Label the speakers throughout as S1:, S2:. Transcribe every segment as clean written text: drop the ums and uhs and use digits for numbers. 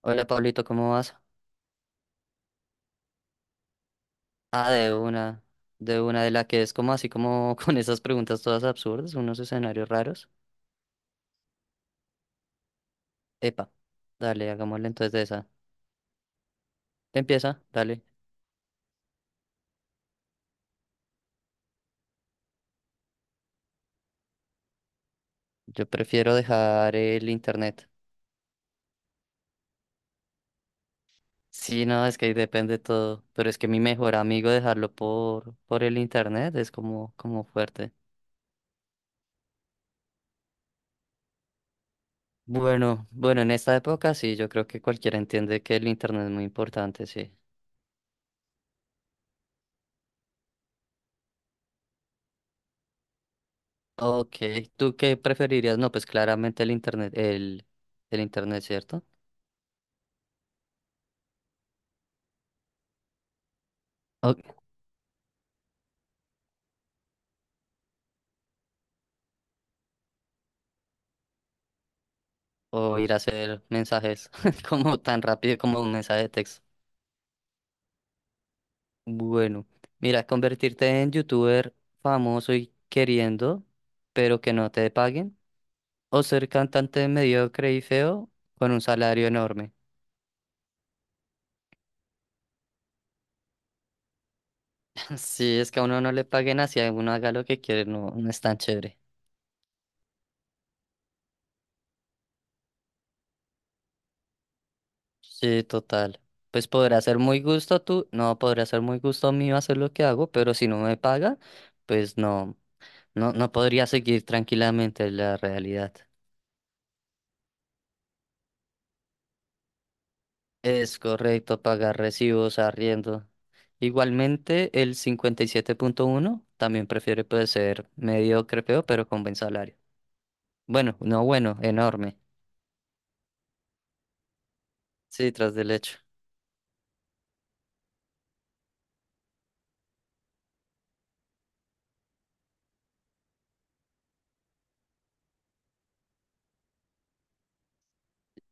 S1: Hola Pablito, ¿cómo vas? Ah, de una, de una de la que es como así como con esas preguntas todas absurdas, unos escenarios raros. Epa, dale, hagámosle entonces de esa. Empieza, dale. Yo prefiero dejar el internet. Sí, no, es que ahí depende todo, pero es que mi mejor amigo dejarlo por el internet es como, como fuerte. Bueno, bueno, en esta época sí, yo creo que cualquiera entiende que el internet es muy importante, sí. Ok, ¿tú qué preferirías? No, pues claramente el internet, ¿cierto? O, o ir a hacer mensajes como tan rápido como un mensaje de texto. Bueno, mira, convertirte en youtuber famoso y queriendo, pero que no te paguen, o ser cantante mediocre y feo con un salario enorme. Si es que a uno no le paguen así, a uno haga lo que quiere, no, no es tan chévere. Sí, total. Pues podrá ser muy gusto tú, no podrá ser muy gusto mío hacer lo que hago, pero si no me paga, pues no, no, no podría seguir tranquilamente la realidad. Es correcto pagar recibos, arriendo. Igualmente, el 57,1 también prefiere pues, ser mediocre, feo, pero con buen salario. Bueno, no bueno, enorme. Sí, tras del hecho.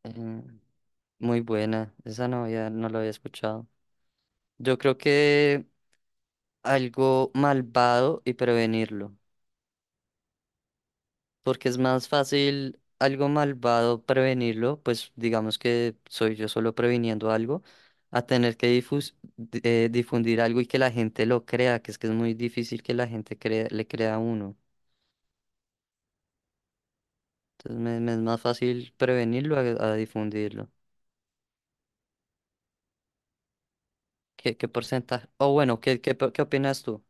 S1: Eh, Muy buena. Esa no había, no la había escuchado. Yo creo que algo malvado y prevenirlo, porque es más fácil algo malvado prevenirlo, pues digamos que soy yo solo previniendo algo, a tener que difundir algo y que la gente lo crea, que es muy difícil que la gente le crea a uno. Entonces me es más fácil prevenirlo a difundirlo. ¿Qué, qué porcentaje? O bueno, ¿qué, qué, qué opinas tú?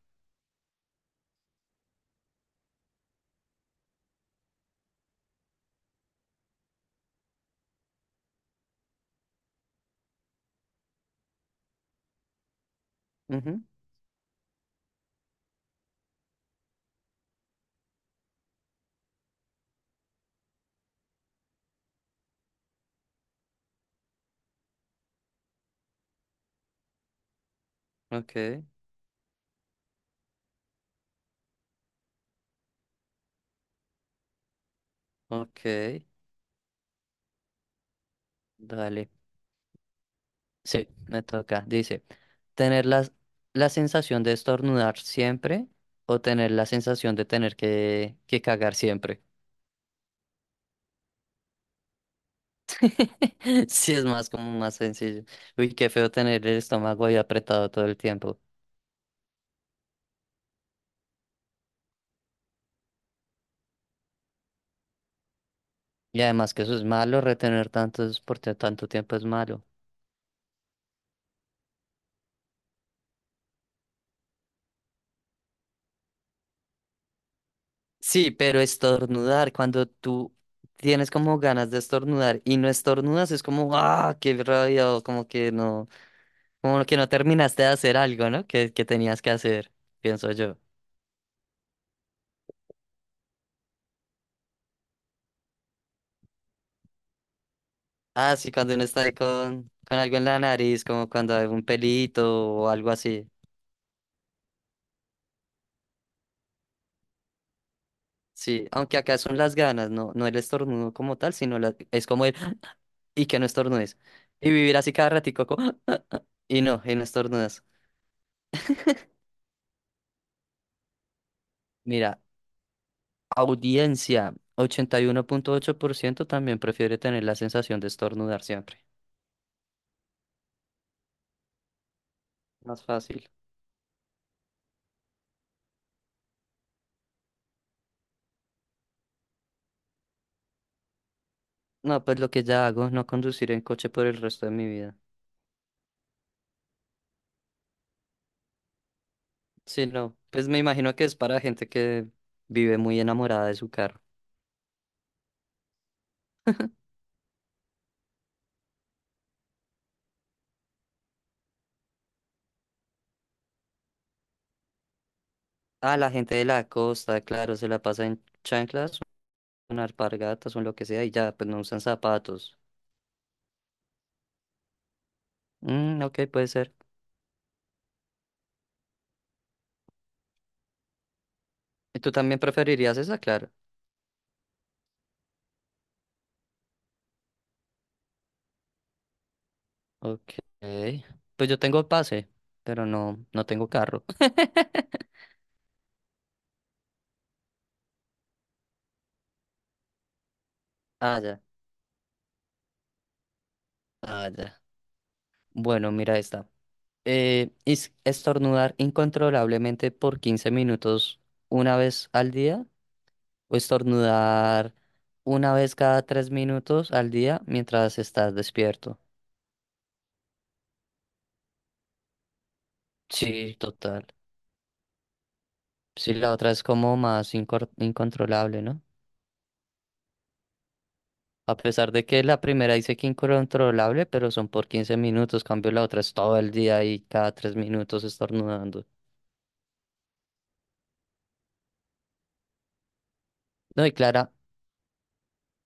S1: Ujú. Ok, ok, dale. Sí, me toca. Dice, tener la sensación de estornudar siempre o tener la sensación de tener que cagar siempre. Sí, es más como más sencillo. Uy, qué feo tener el estómago ahí apretado todo el tiempo. Y además que eso es malo, retener tantos tanto tiempo es malo. Sí, pero estornudar, cuando tú tienes como ganas de estornudar y no estornudas, es como, ah, qué rabia, o como que no. Como que no terminaste de hacer algo, ¿no? Que tenías que hacer, pienso yo. Ah, sí, cuando uno está ahí con algo en la nariz, como cuando hay un pelito o algo así. Sí, aunque acá son las ganas, no, no el estornudo como tal, sino es como el y que no estornudes. Y vivir así cada ratico como y no estornudas. Mira, audiencia, 81.8% también prefiere tener la sensación de estornudar siempre. Más fácil. No, pues lo que ya hago, no conducir en coche por el resto de mi vida. Sí, no, pues me imagino que es para gente que vive muy enamorada de su carro. Ah, la gente de la costa, claro, se la pasa en chanclas, en alpargatas o en lo que sea y ya, pues no usan zapatos. Mm, ok, puede ser. ¿Y tú también preferirías esa, claro? Ok. Pues yo tengo pase, pero no, no tengo carro. Ah, ya, ah, ya. Bueno, mira esta. Estornudar incontrolablemente por 15 minutos una vez al día o estornudar una vez cada 3 minutos al día mientras estás despierto. Sí, total. Sí, la otra es como más incontrolable, ¿no? A pesar de que la primera dice que incontrolable, pero son por 15 minutos, cambio la otra es todo el día y cada 3 minutos estornudando. No, y clara,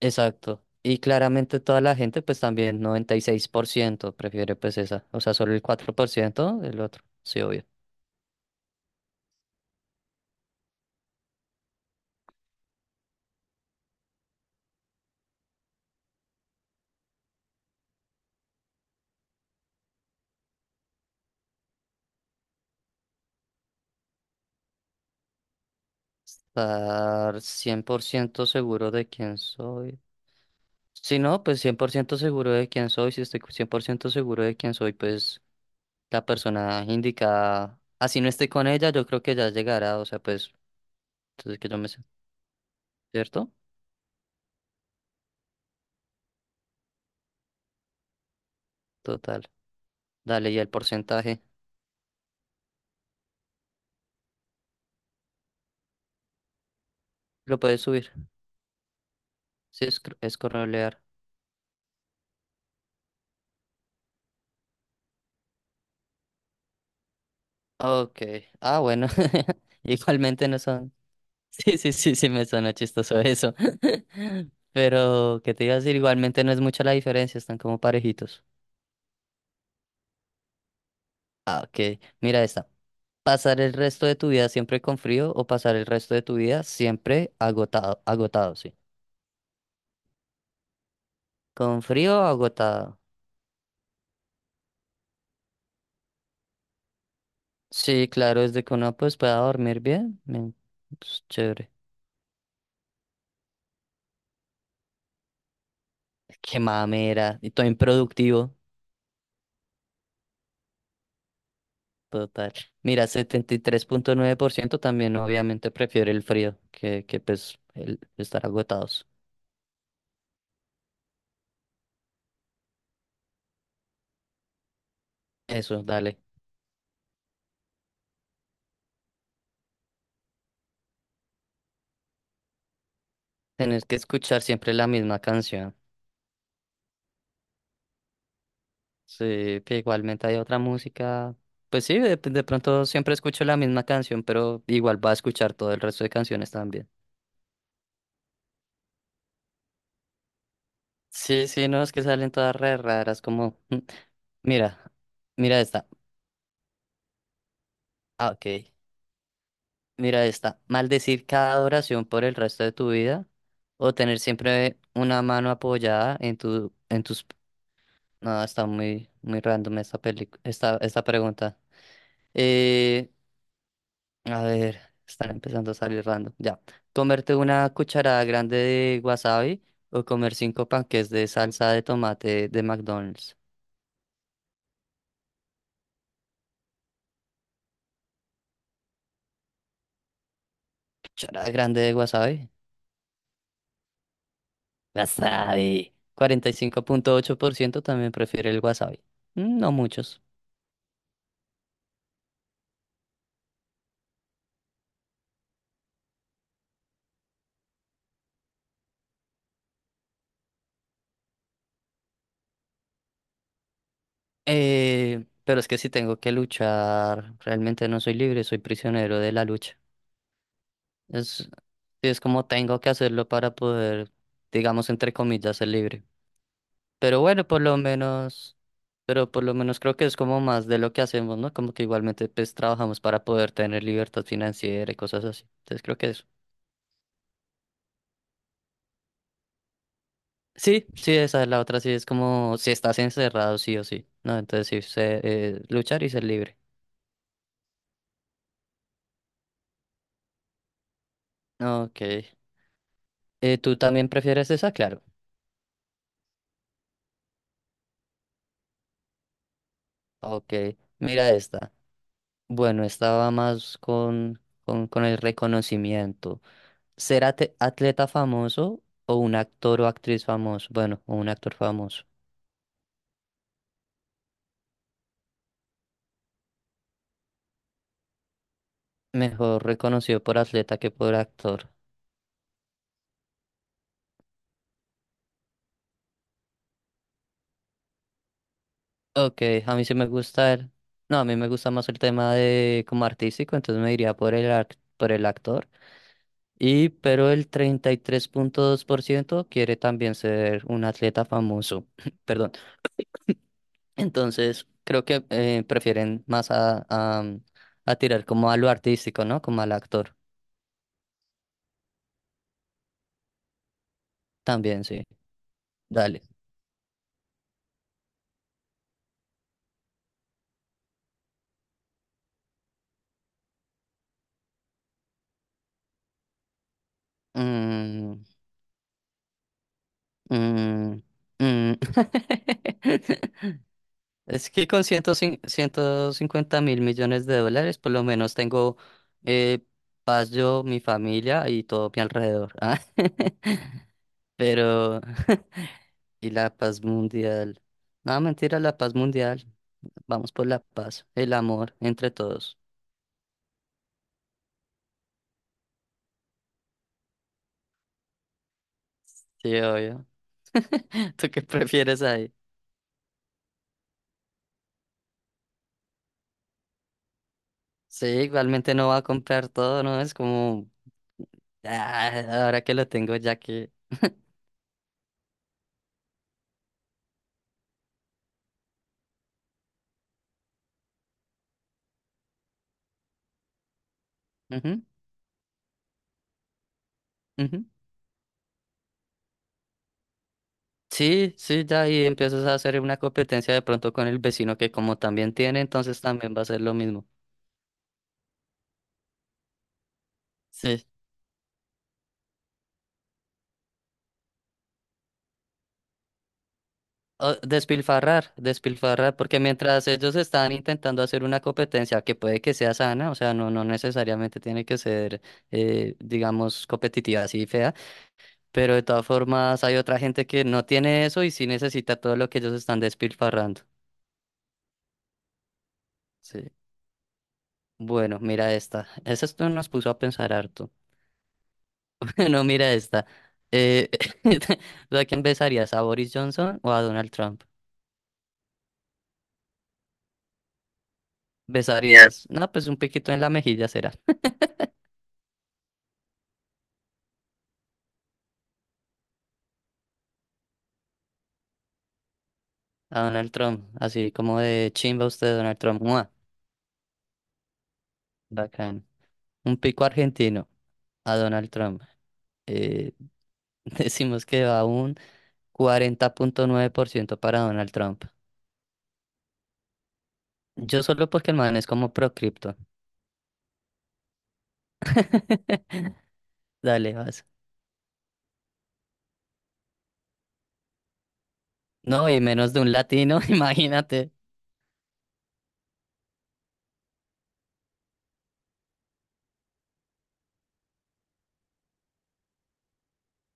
S1: exacto. Y claramente toda la gente, pues también 96% prefiere pues esa. O sea, solo el 4% del otro. Sí, obvio. Estar 100% seguro de quién soy. Si no, pues 100% seguro de quién soy. Si estoy 100% seguro de quién soy, pues la persona indicada, así no esté con ella, yo creo que ya llegará. O sea, pues, entonces que yo me sé, ¿cierto? Total. Dale, y el porcentaje lo puedes subir. Sí, es correlear. Ok. Ah, bueno. Igualmente no son. Sí, sí, sí, sí, me suena chistoso eso. Pero, ¿qué te iba a decir? Igualmente no es mucha la diferencia, están como parejitos. Ah, ok. Mira esta. ¿Pasar el resto de tu vida siempre con frío o pasar el resto de tu vida siempre agotado? Agotado, sí. ¿Con frío o agotado? Sí, claro, desde que uno pues pueda dormir bien. Men, pues, chévere. Qué mamera. Y todo improductivo. Total. Mira, 73,9% también obviamente prefiere el frío que pues el estar agotados. Eso, dale. Tienes que escuchar siempre la misma canción. Sí, que igualmente hay otra música. Pues sí, de pronto siempre escucho la misma canción, pero igual va a escuchar todo el resto de canciones también. Sí, sí, no, es que salen todas re raras, como, mm, mira, mira esta, ah, ok, mira esta, maldecir cada oración por el resto de tu vida, o tener siempre una mano apoyada en tu, en tus, no, está muy, muy random esta película, esta pregunta. Eh, A ver, están empezando a salir random. Ya. Comerte una cucharada grande de wasabi o comer cinco panques de salsa de tomate de McDonald's. Cucharada grande de wasabi. Wasabi. 45,8% también prefiere el wasabi. Mm, no muchos. Pero es que si tengo que luchar, realmente no soy libre, soy prisionero de la lucha. Sí, es como tengo que hacerlo para poder, digamos, entre comillas, ser libre. Pero bueno, por lo menos, pero por lo menos creo que es como más de lo que hacemos, ¿no? Como que igualmente pues trabajamos para poder tener libertad financiera y cosas así. Entonces creo que eso. Sí, sí, esa es la otra, sí, es como si estás encerrado, sí o sí, ¿no? Entonces sí, sé, luchar y ser libre. Ok. ¿Tú también prefieres esa? Claro. Ok, mira esta. Bueno, esta va más con el reconocimiento. ¿Ser atleta famoso o un actor o actriz famoso? Bueno, o un actor famoso. Mejor reconocido por atleta que por actor. Ok, a mí sí me gusta el... No, a mí me gusta más el tema de como artístico, entonces me diría por el, por el actor. Y pero el 33,2% quiere también ser un atleta famoso. Perdón. Entonces, creo que prefieren más mm, a tirar como a lo artístico, ¿no? Como al actor. También, sí. Dale. Mm, mm, mm. Es que con $150.000.000.000, por lo menos tengo eh, paz yo, mi familia y todo mi alrededor. Ah, pero, y la paz mundial. No, mentira, la paz mundial. Vamos por la paz, el amor entre todos. Sí, obvio. ¿Tú qué prefieres ahí? Sí, igualmente no va a comprar todo, ¿no? Es como, ah, ahora que lo tengo, ya que... Ujú, ujú. Sí, sí, ya ahí empiezas a hacer una competencia de pronto con el vecino que como también tiene, entonces también va a ser lo mismo. Sí. O despilfarrar, despilfarrar, porque mientras ellos están intentando hacer una competencia que puede que sea sana, o sea, no, no necesariamente tiene que ser, digamos, competitiva así fea, pero de todas formas hay otra gente que no tiene eso y sí necesita todo lo que ellos están despilfarrando. Sí. Bueno, mira esta. Esa esto nos puso a pensar harto. No, mira esta. Eh, ¿tú a quién besarías? ¿A Boris Johnson o a Donald Trump? Besarías, no, pues un piquito en la mejilla será. A Donald Trump, así como de chimba usted, Donald Trump. ¡Mua! Bacán. Un pico argentino a Donald Trump. Eh, decimos que va un 40.9% para Donald Trump. Yo solo porque el man es como pro cripto. Dale, vas. No, y menos de un latino, imagínate.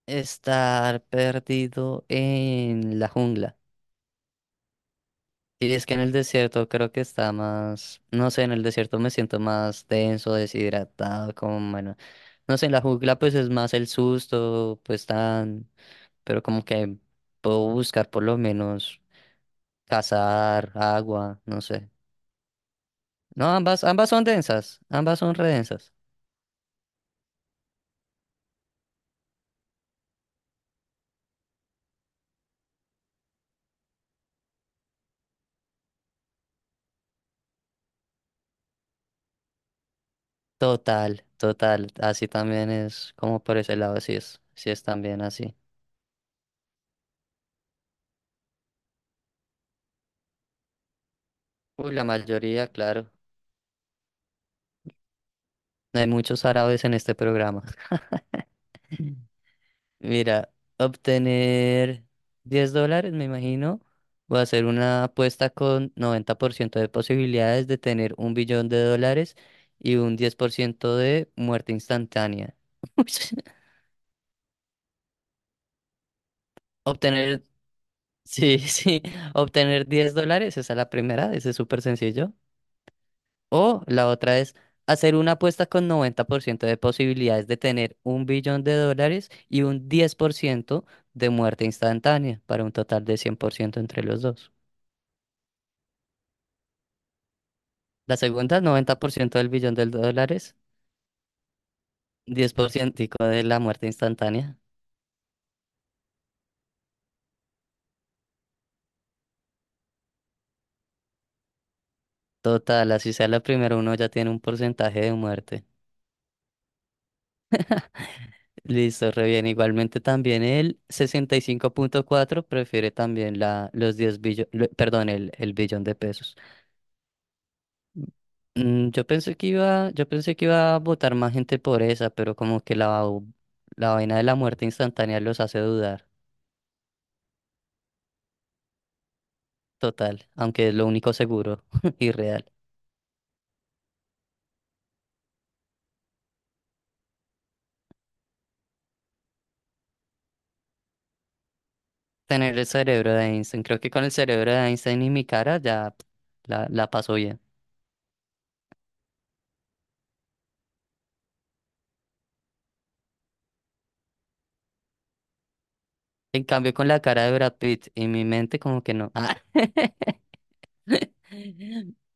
S1: Estar perdido en la jungla. Y es que en el desierto creo que está más, no sé, en el desierto me siento más tenso, deshidratado, como bueno, no sé, en la jungla pues es más el susto, pues tan, pero como que puedo buscar por lo menos cazar, agua, no sé. No, ambas, ambas son densas, ambas son redensas. Total, total, así también es, como por ese lado, sí es también así. Uy, la mayoría, claro. Hay muchos árabes en este programa. Mira, obtener $10, me imagino, o hacer una apuesta con 90% de posibilidades de tener un billón de dólares y un 10% de muerte instantánea. Obtener, sí, sí, obtener 10 dólares, esa es la primera, ese es súper sencillo. O la otra es hacer una apuesta con 90% de posibilidades de tener un billón de dólares y un 10% de muerte instantánea para un total de 100% entre los dos. La segunda, 90% del billón de dólares, 10% de la muerte instantánea. Total, así sea la primera, uno ya tiene un porcentaje de muerte. Listo, re bien. Igualmente también el 65,4 prefiere también los 10 billones, perdón, el billón de pesos. Yo pensé que iba a votar más gente por esa, pero como que la vaina de la muerte instantánea los hace dudar. Total, aunque es lo único seguro y real. Tener el cerebro de Einstein. Creo que con el cerebro de Einstein y mi cara ya pf, la paso bien. En cambio, con la cara de Brad Pitt y mi mente, como que no. Ah.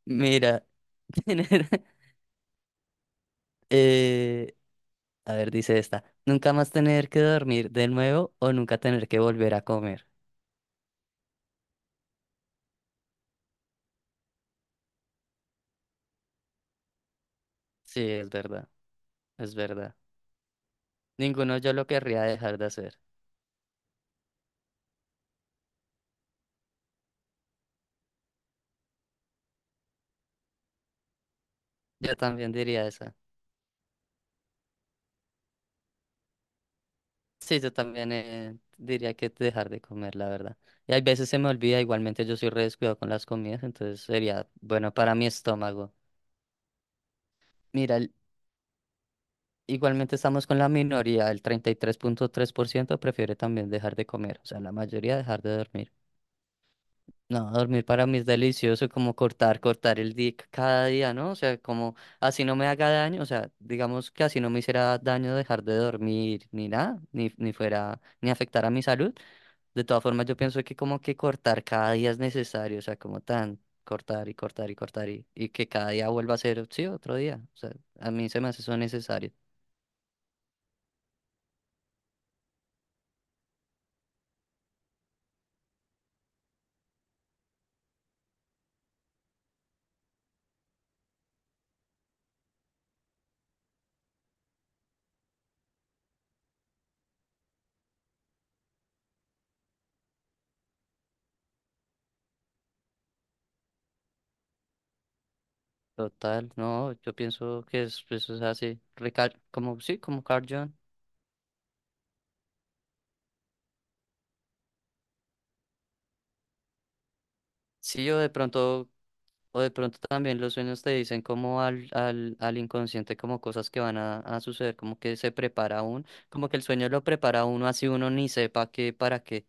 S1: Mira, tener. eh, a ver, dice esta. Nunca más tener que dormir de nuevo o nunca tener que volver a comer. Sí, es verdad. Es verdad. Ninguno yo lo querría dejar de hacer. Yo también diría esa. Sí, yo también diría que dejar de comer, la verdad. Y hay veces se me olvida, igualmente yo soy re descuidado con las comidas, entonces sería bueno para mi estómago. Mira, el- Igualmente estamos con la minoría, el treinta y tres punto tres por ciento prefiere también dejar de comer, o sea, la mayoría dejar de dormir. No, dormir para mí es delicioso, como cortar el día cada día, ¿no? O sea, como así no me haga daño, o sea, digamos que así no me hiciera daño dejar de dormir ni nada, ni fuera, ni afectar a mi salud. De todas formas, yo pienso que como que cortar cada día es necesario, o sea, como tan cortar y cortar y cortar y que cada día vuelva a ser, sí, otro día. O sea, a mí se me hace eso necesario. Total, no, yo pienso que eso es así, como, sí, como Carl Jung. Sí, yo de pronto. O de pronto también los sueños te dicen como al inconsciente, como cosas que van a suceder, como que se prepara uno, como que el sueño lo prepara a uno así uno ni sepa qué, para qué.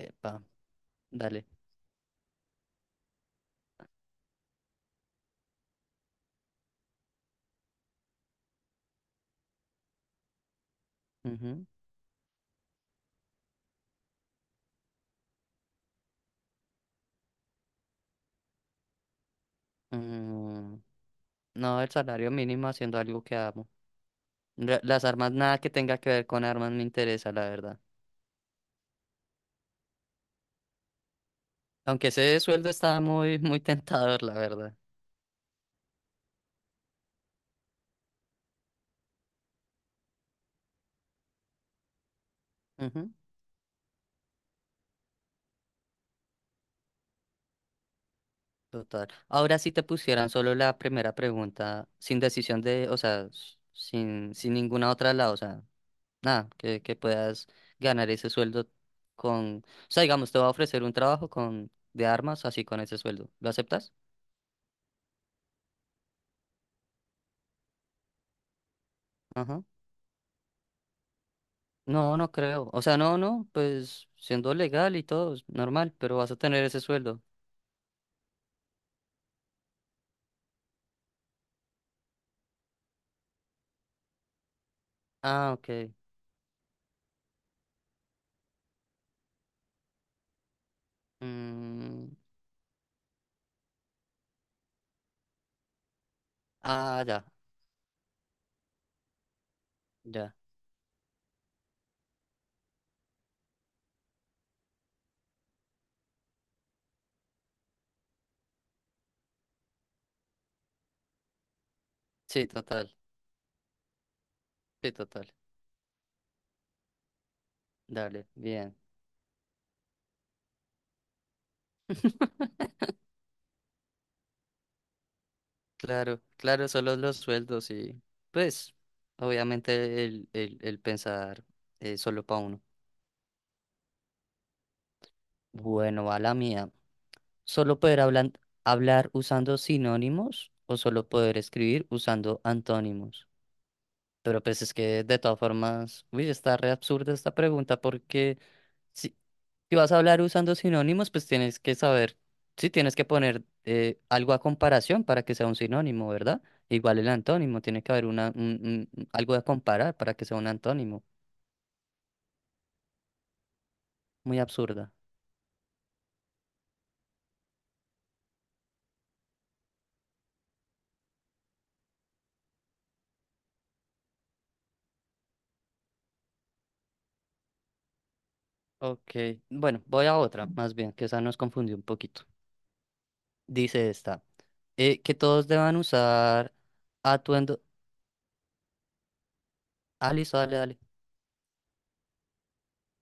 S1: Epa, dale. Ujú. Mm, no, el salario mínimo haciendo algo que amo. Las armas, nada que tenga que ver con armas me interesa, la verdad. Aunque ese sueldo está muy, muy tentador, la verdad. Ujú. Total. Ahora si te pusieran solo la primera pregunta, sin decisión de, o sea, sin ninguna otra al lado, o sea, nada, que puedas ganar ese sueldo con, o sea, digamos, te va a ofrecer un trabajo con de armas así con ese sueldo. ¿Lo aceptas? Ajá. No, no creo. O sea, no, pues siendo legal y todo, es normal, pero vas a tener ese sueldo. Ah, ok. Mm, ah, ya, ya. Sí, total, sí, total. Dale, bien. Claro, claro, solo los sueldos y pues obviamente el pensar solo para uno. Bueno, va la mía. ¿Solo poder hablar usando sinónimos o solo poder escribir usando antónimos? Pero pues es que de todas formas, uy, está re absurda esta pregunta porque si, si vas a hablar usando sinónimos, pues tienes que saber, sí, tienes que poner algo a comparación para que sea un sinónimo, ¿verdad? Igual el antónimo, tiene que haber algo a comparar para que sea un antónimo. Muy absurda. Ok, bueno, voy a otra, más bien, que esa nos confundió un poquito. Dice esta, que todos deban usar atuendo. Ah, listo, dale, dale.